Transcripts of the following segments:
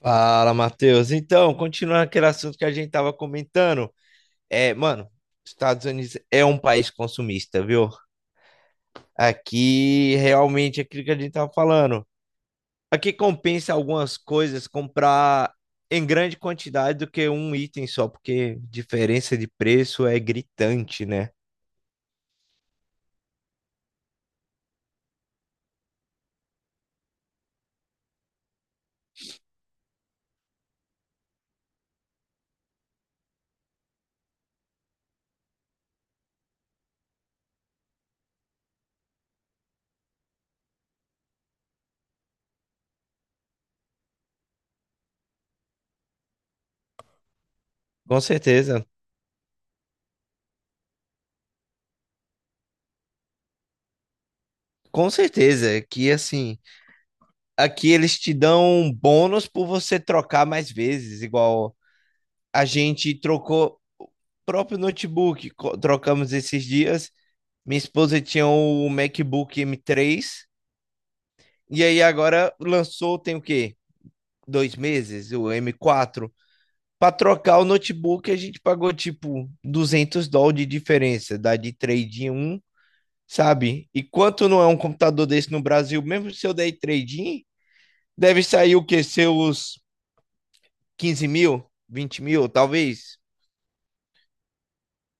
Fala, Matheus. Então, continuando aquele assunto que a gente tava comentando, mano, Estados Unidos é um país consumista, viu? Aqui, realmente, é aquilo que a gente tava falando. Aqui compensa algumas coisas comprar em grande quantidade do que um item só, porque diferença de preço é gritante, né? Com certeza. Com certeza, que assim, aqui eles te dão um bônus por você trocar mais vezes, igual a gente trocou o próprio notebook, trocamos esses dias. Minha esposa tinha o MacBook M3 e aí agora lançou, tem o quê? 2 meses, o M4. Para trocar o notebook, a gente pagou tipo US$ 200 de diferença, dá de trade em um, sabe? E quanto não é um computador desse no Brasil, mesmo se eu der trade in, deve sair o quê? Seus 15 mil, 20 mil, talvez.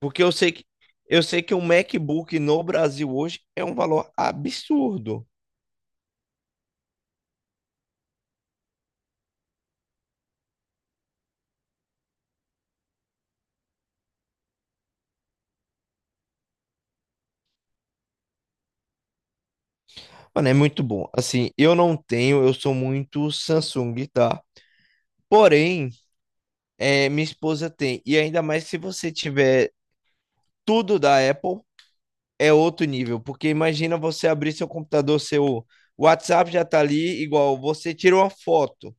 Porque eu sei que um MacBook no Brasil hoje é um valor absurdo. Mano, é muito bom. Assim, eu não tenho, eu sou muito Samsung, tá? Porém, é, minha esposa tem. E ainda mais se você tiver tudo da Apple, é outro nível. Porque imagina você abrir seu computador, seu WhatsApp já tá ali, igual você tira uma foto.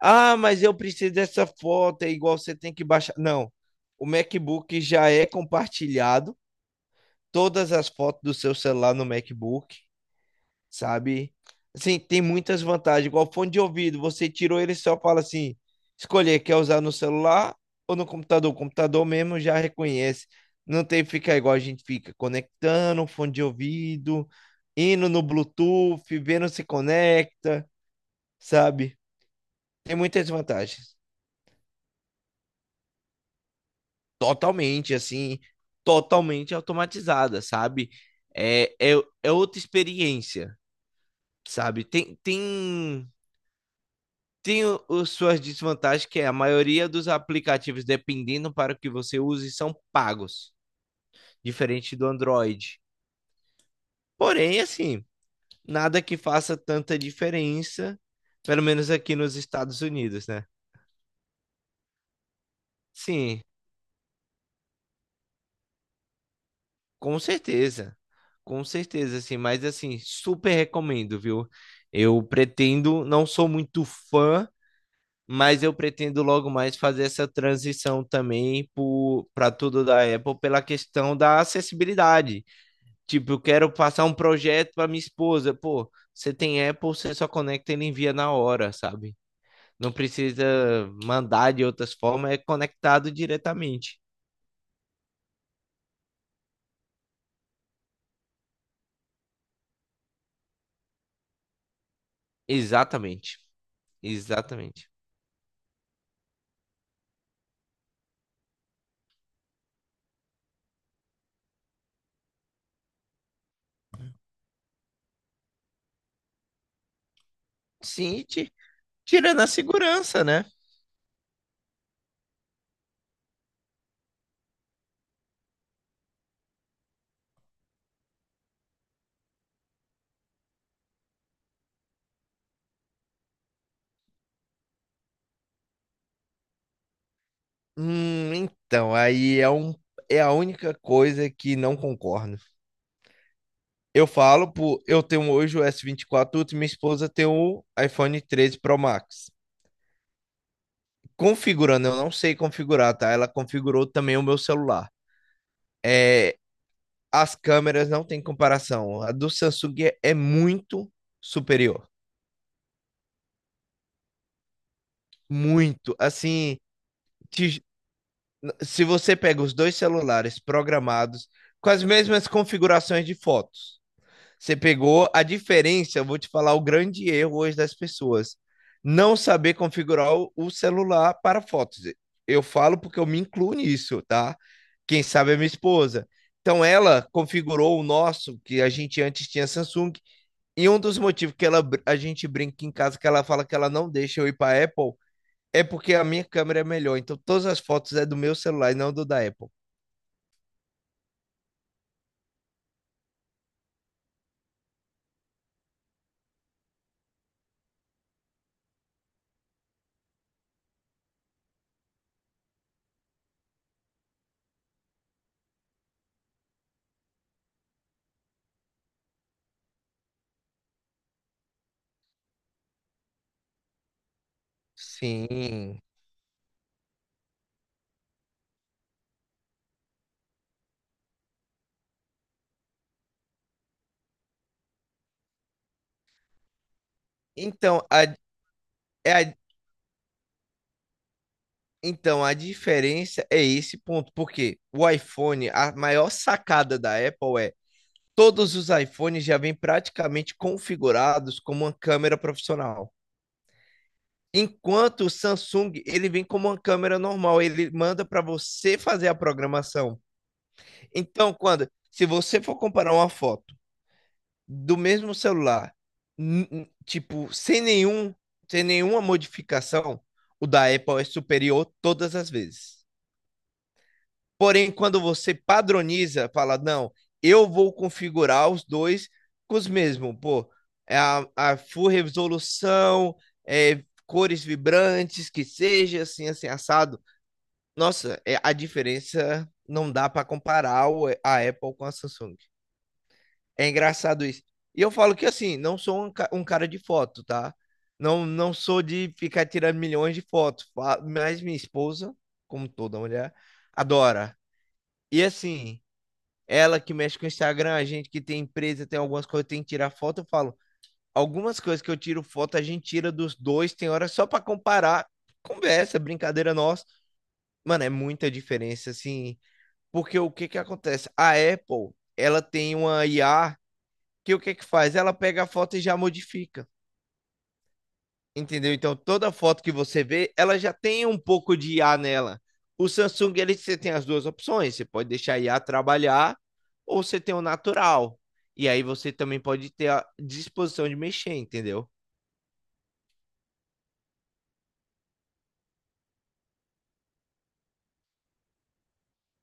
Ah, mas eu preciso dessa foto, é igual você tem que baixar. Não, o MacBook já é compartilhado todas as fotos do seu celular no MacBook, sabe? Assim, tem muitas vantagens. Igual fone de ouvido, você tirou ele e só fala assim, escolher, quer usar no celular ou no computador? O computador mesmo já reconhece. Não tem que ficar igual a gente fica, conectando o fone de ouvido, indo no Bluetooth, vendo se conecta, sabe? Tem muitas vantagens. Totalmente, assim, totalmente automatizada, sabe? É, é, é outra experiência, sabe? Tem suas desvantagens, que é a maioria dos aplicativos, dependendo para o que você use, são pagos, diferente do Android. Porém, assim, nada que faça tanta diferença, pelo menos aqui nos Estados Unidos, né? Sim, com certeza. Com certeza, assim, mas assim, super recomendo, viu? Eu pretendo, não sou muito fã, mas eu pretendo logo mais fazer essa transição também para tudo da Apple pela questão da acessibilidade. Tipo, eu quero passar um projeto para minha esposa. Pô, você tem Apple, você só conecta e ele envia na hora, sabe? Não precisa mandar de outras formas, é conectado diretamente. Exatamente, exatamente. Sim, tirando a segurança, né? Então, é a única coisa que não concordo. Eu falo, pô, eu tenho hoje o S24 vinte e quatro Ultra e minha esposa tem o iPhone 13 Pro Max. Configurando, eu não sei configurar, tá? Ela configurou também o meu celular. É, as câmeras não tem comparação. A do Samsung é, é muito superior. Muito. Assim, te- se você pega os dois celulares programados com as mesmas configurações de fotos, você pegou a diferença. Eu vou te falar o grande erro hoje das pessoas: não saber configurar o celular para fotos. Eu falo porque eu me incluo nisso, tá? Quem sabe é minha esposa. Então ela configurou o nosso, que a gente antes tinha Samsung, e um dos motivos que a gente brinca em casa, que ela fala que ela não deixa eu ir para Apple, é porque a minha câmera é melhor. Então todas as fotos é do meu celular e não do da Apple. Sim. Então, a, é a Então, a diferença é esse ponto, porque o iPhone, a maior sacada da Apple é todos os iPhones já vêm praticamente configurados como uma câmera profissional. Enquanto o Samsung, ele vem como uma câmera normal, ele manda para você fazer a programação. Então, quando se você for comparar uma foto do mesmo celular, tipo, sem nenhuma modificação, o da Apple é superior todas as vezes. Porém, quando você padroniza, fala, não, eu vou configurar os dois com os mesmos, pô, é a full resolução, é, cores vibrantes, que seja assim, assim, assado. Nossa, é, a diferença não dá para comparar a Apple com a Samsung. É engraçado isso. E eu falo que assim, não sou um cara de foto, tá? Não sou de ficar tirando milhões de fotos, mas minha esposa, como toda mulher, adora. E assim, ela que mexe com o Instagram, a gente que tem empresa, tem algumas coisas que tem que tirar foto, eu falo, algumas coisas que eu tiro foto, a gente tira dos dois, tem hora só para comparar, conversa, brincadeira nossa. Mano, é muita diferença, assim, porque o que que acontece? A Apple, ela tem uma IA que o que que faz? Ela pega a foto e já modifica. Entendeu? Então, toda foto que você vê, ela já tem um pouco de IA nela. O Samsung, ele, você tem as duas opções. Você pode deixar a IA trabalhar ou você tem o natural. E aí você também pode ter a disposição de mexer, entendeu?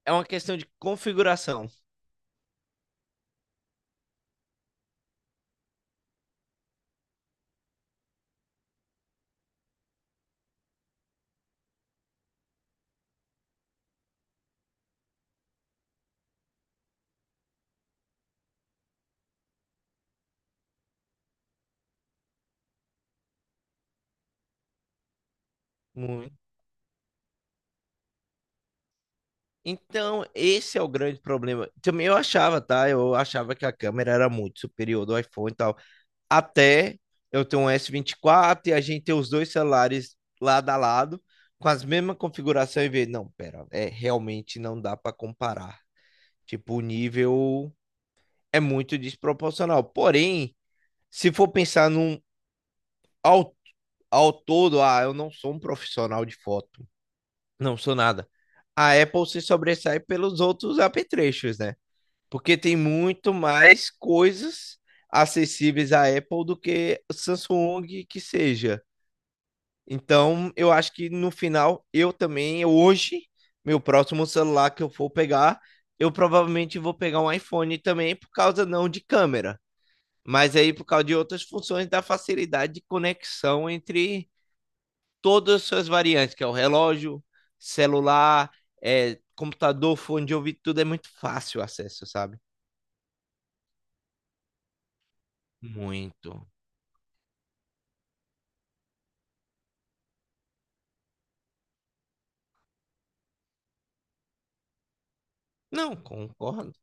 É uma questão de configuração. Muito. Então, esse é o grande problema. Também eu achava, tá? Eu achava que a câmera era muito superior do iPhone e tal, até eu ter um S24 e a gente ter os dois celulares lado a lado, com as mesmas configuração e ver, não, pera, é realmente não dá para comparar. Tipo, o nível é muito desproporcional. Porém, se for pensar num ao, ao todo, ah, eu não sou um profissional de foto, não sou nada. A Apple se sobressai pelos outros apetrechos, né? Porque tem muito mais coisas acessíveis à Apple do que Samsung que seja. Então, eu acho que no final, eu também, eu hoje, meu próximo celular que eu for pegar, eu provavelmente vou pegar um iPhone também, por causa não de câmera, mas aí por causa de outras funções da facilidade de conexão entre todas as suas variantes, que é o relógio, celular, é, computador, fone de ouvido, tudo é muito fácil o acesso, sabe? Muito. Não, concordo.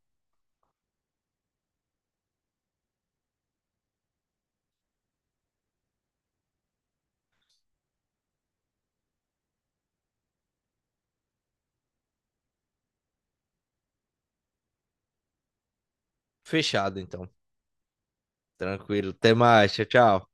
Fechado, então. Tranquilo. Até mais. Tchau, tchau.